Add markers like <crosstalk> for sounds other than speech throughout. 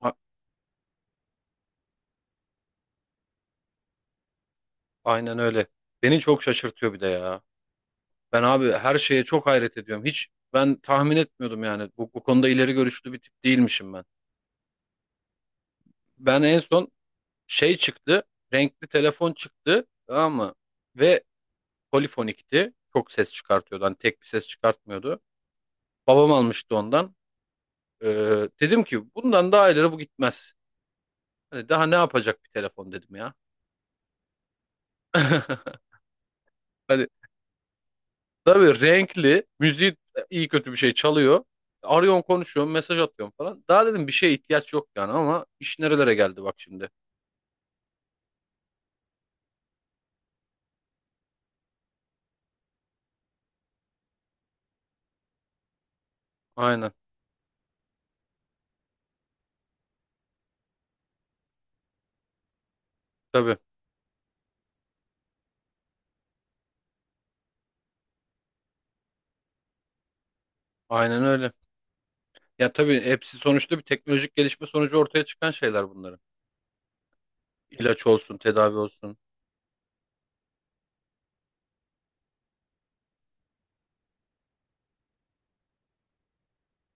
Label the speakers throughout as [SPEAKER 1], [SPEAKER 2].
[SPEAKER 1] A- Aynen öyle. Beni çok şaşırtıyor bir de ya. Ben abi her şeye çok hayret ediyorum. Hiç ben tahmin etmiyordum yani. Bu konuda ileri görüşlü bir tip değilmişim ben. Ben en son şey çıktı. Renkli telefon çıktı. Tamam mı? Ve polifonikti. Çok ses çıkartıyordu. Hani tek bir ses çıkartmıyordu. Babam almıştı ondan. Dedim ki bundan daha ileri bu gitmez. Hani daha ne yapacak bir telefon dedim ya. <laughs> Hani tabii renkli, müziği iyi kötü bir şey çalıyor. Arıyorum, konuşuyorum, mesaj atıyorum falan. Daha dedim bir şeye ihtiyaç yok yani, ama iş nerelere geldi bak şimdi. Aynen, tabii, aynen öyle. Ya tabii hepsi sonuçta bir teknolojik gelişme sonucu ortaya çıkan şeyler bunların. İlaç olsun, tedavi olsun,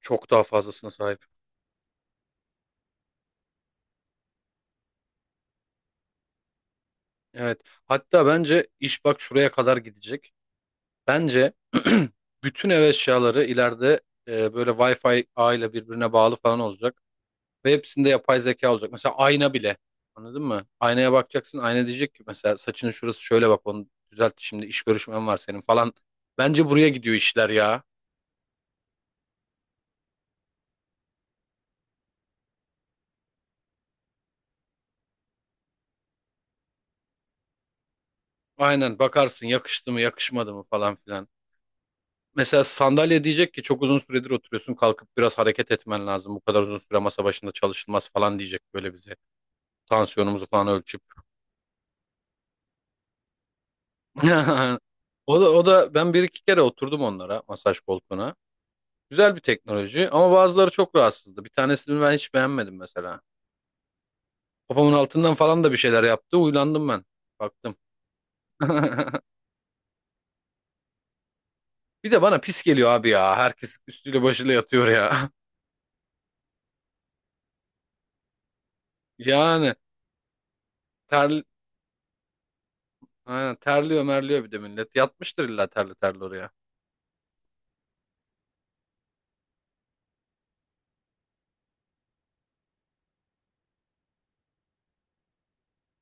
[SPEAKER 1] çok daha fazlasına sahip. Evet, hatta bence iş bak şuraya kadar gidecek. Bence <clears throat> bütün ev eşyaları ileride böyle Wi-Fi ağıyla birbirine bağlı falan olacak. Ve hepsinde yapay zeka olacak. Mesela ayna bile. Anladın mı? Aynaya bakacaksın. Ayna diyecek ki mesela saçının şurası şöyle, bak onu düzelt, şimdi iş görüşmen var senin falan. Bence buraya gidiyor işler ya. Aynen, bakarsın yakıştı mı yakışmadı mı falan filan. Mesela sandalye diyecek ki çok uzun süredir oturuyorsun, kalkıp biraz hareket etmen lazım. Bu kadar uzun süre masa başında çalışılmaz falan diyecek böyle bize. Tansiyonumuzu falan ölçüp. <laughs> O da, o da ben bir iki kere oturdum onlara, masaj koltuğuna. Güzel bir teknoloji ama bazıları çok rahatsızdı. Bir tanesini ben hiç beğenmedim mesela. Kafamın altından falan da bir şeyler yaptı. Uylandım ben. Baktım. <laughs> Bir de bana pis geliyor abi ya. Herkes üstüyle başıyla yatıyor ya. <laughs> Yani ter, aynen, terliyor merliyor bir de millet. Yatmıştır illa terli terli oraya.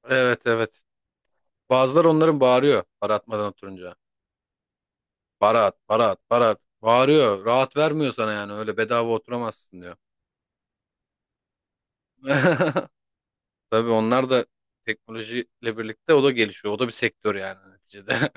[SPEAKER 1] Evet, evet. Bazıları onların bağırıyor para atmadan oturunca. Para at, para at, para at. Bağırıyor. Rahat vermiyor sana yani. Öyle bedava oturamazsın diyor. <laughs> Tabii onlar da teknolojiyle birlikte, o da gelişiyor. O da bir sektör yani neticede.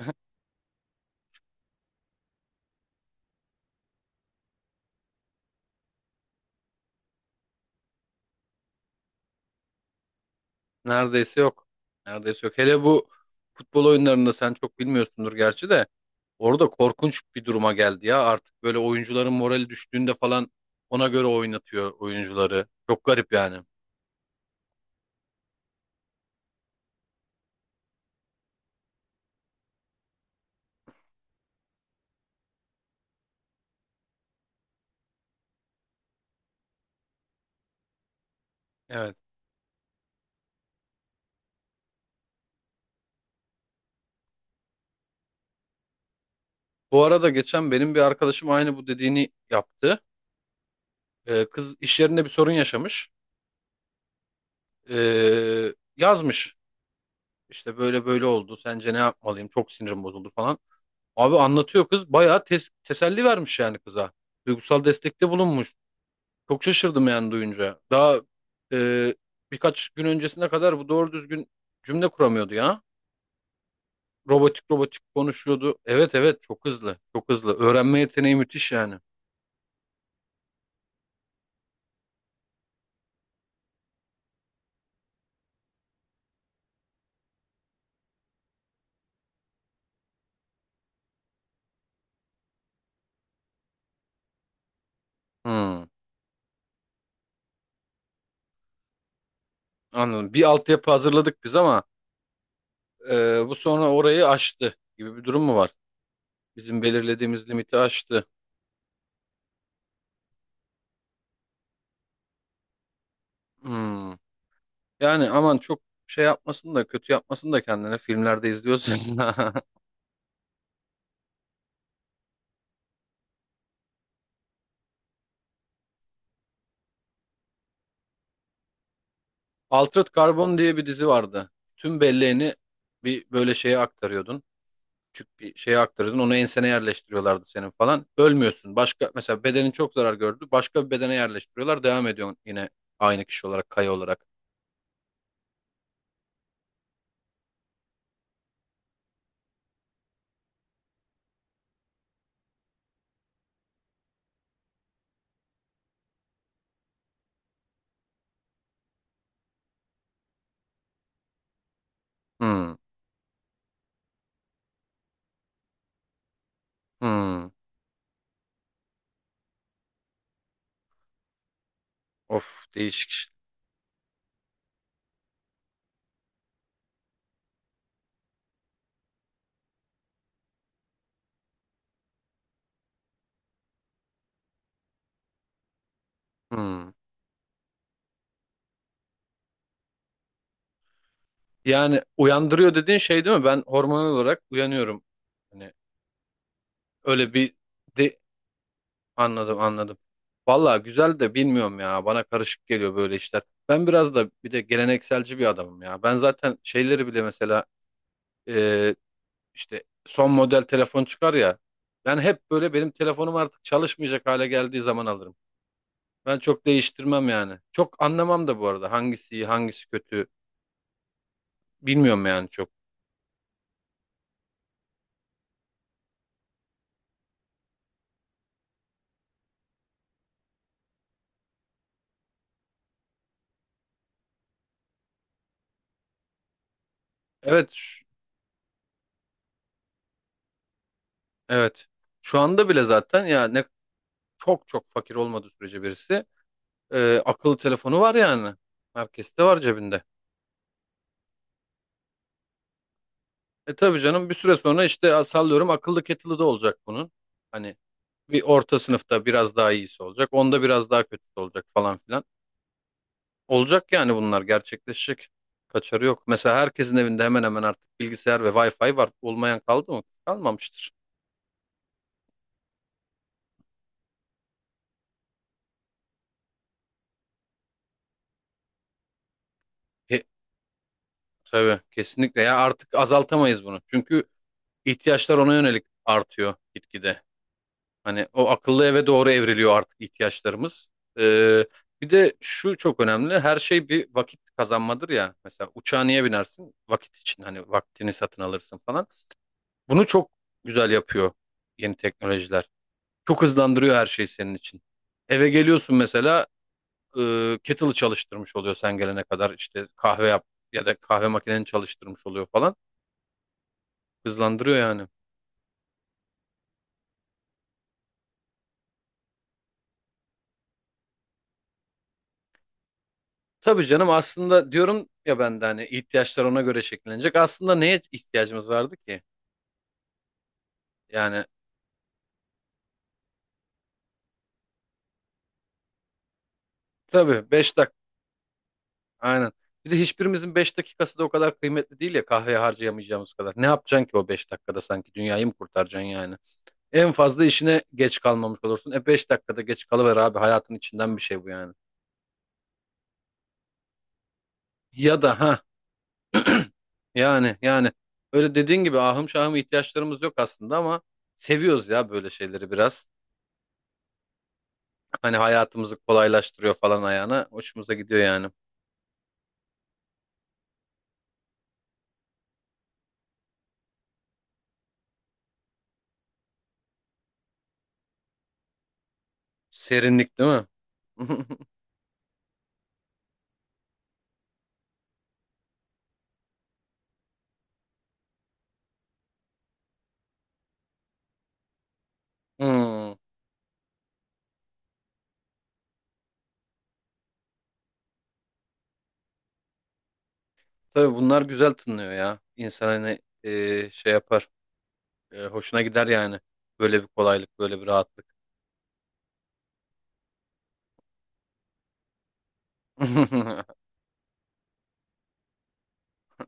[SPEAKER 1] <laughs> Neredeyse yok. Neredeyse yok. Hele bu futbol oyunlarında, sen çok bilmiyorsundur gerçi de, orada korkunç bir duruma geldi ya. Artık böyle oyuncuların morali düştüğünde falan ona göre oynatıyor oyuncuları. Çok garip yani. Evet. Bu arada geçen benim bir arkadaşım aynı bu dediğini yaptı. Kız iş yerinde bir sorun yaşamış. Yazmış. İşte böyle böyle oldu, sence ne yapmalıyım, çok sinirim bozuldu falan. Abi, anlatıyor kız. Bayağı teselli vermiş yani kıza. Duygusal destekte bulunmuş. Çok şaşırdım yani duyunca. Daha e, birkaç gün öncesine kadar bu doğru düzgün cümle kuramıyordu ya. Robotik robotik konuşuyordu. Evet, evet, çok hızlı. Çok hızlı. Öğrenme yeteneği müthiş yani. Hmm, anladım. Bir altyapı hazırladık biz, ama bu sonra orayı aştı gibi bir durum mu var? Bizim belirlediğimiz limiti aştı. Hmm. Yani aman çok şey yapmasın da, kötü yapmasın da kendine, filmlerde izliyorsun. <laughs> Altered Carbon diye bir dizi vardı. Tüm belleğini bir böyle şeye aktarıyordun. Küçük bir şeye aktarıyordun. Onu ensene yerleştiriyorlardı senin falan. Ölmüyorsun. Başka mesela bedenin çok zarar gördü. Başka bir bedene yerleştiriyorlar. Devam ediyorsun yine, aynı kişi olarak, kaya olarak. Hmm. Hmm. Of, değişik işte. Hmm. Yani uyandırıyor dediğin şey değil mi? Ben hormonal olarak uyanıyorum. Hani öyle bir de, Anladım, anladım. Valla güzel de, bilmiyorum ya. Bana karışık geliyor böyle işler. Ben biraz da, bir de gelenekselci bir adamım ya. Ben zaten şeyleri bile, mesela e, işte son model telefon çıkar ya. Ben hep böyle benim telefonum artık çalışmayacak hale geldiği zaman alırım. Ben çok değiştirmem yani. Çok anlamam da bu arada, hangisi iyi hangisi kötü bilmiyorum yani çok. Evet, evet. Şu anda bile zaten ya, ne çok çok fakir olmadığı sürece birisi, akıllı telefonu var yani. Herkeste var cebinde. E, tabii canım, bir süre sonra işte, sallıyorum, akıllı kettle'ı da olacak bunun. Hani bir orta sınıfta biraz daha iyisi olacak, onda biraz daha kötüsü olacak falan filan. Olacak yani, bunlar gerçekleşecek. Kaçarı yok. Mesela herkesin evinde hemen hemen artık bilgisayar ve Wi-Fi var. Olmayan kaldı mı? Kalmamıştır. E, tabii kesinlikle ya, artık azaltamayız bunu. Çünkü ihtiyaçlar ona yönelik artıyor gitgide. Hani o akıllı eve doğru evriliyor artık ihtiyaçlarımız. Ee, Bir de şu çok önemli. Her şey bir vakit kazanmadır ya. Mesela uçağa niye binersin? Vakit için, hani vaktini satın alırsın falan. Bunu çok güzel yapıyor yeni teknolojiler. Çok hızlandırıyor her şeyi senin için. Eve geliyorsun mesela, kettle'ı çalıştırmış oluyor sen gelene kadar. İşte kahve yap, ya da kahve makineni çalıştırmış oluyor falan. Hızlandırıyor yani. Tabii canım, aslında diyorum ya ben de, hani ihtiyaçlar ona göre şekillenecek. Aslında neye ihtiyacımız vardı ki? Yani tabii, 5 dakika, aynen. Bir de hiçbirimizin 5 dakikası da o kadar kıymetli değil ya, kahveye harcayamayacağımız kadar. Ne yapacaksın ki o 5 dakikada, sanki dünyayı mı kurtaracaksın yani? En fazla işine geç kalmamış olursun. E, 5 dakikada geç kalıver abi, hayatın içinden bir şey bu yani. Ya da ha, <clears throat> yani öyle dediğin gibi, ahım şahım ihtiyaçlarımız yok aslında, ama seviyoruz ya böyle şeyleri biraz. Hani hayatımızı kolaylaştırıyor falan ayağına. Hoşumuza gidiyor yani. Serinlik değil mi? <laughs> Hmm. Tabii bunlar güzel tınlıyor ya. İnsan hani şey yapar. E, hoşuna gider yani. Böyle bir kolaylık, böyle bir rahatlık. <laughs>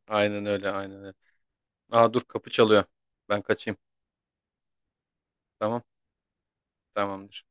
[SPEAKER 1] Aynen öyle, aynen öyle. Aa, dur, kapı çalıyor. Ben kaçayım. Tamam, tamamdır.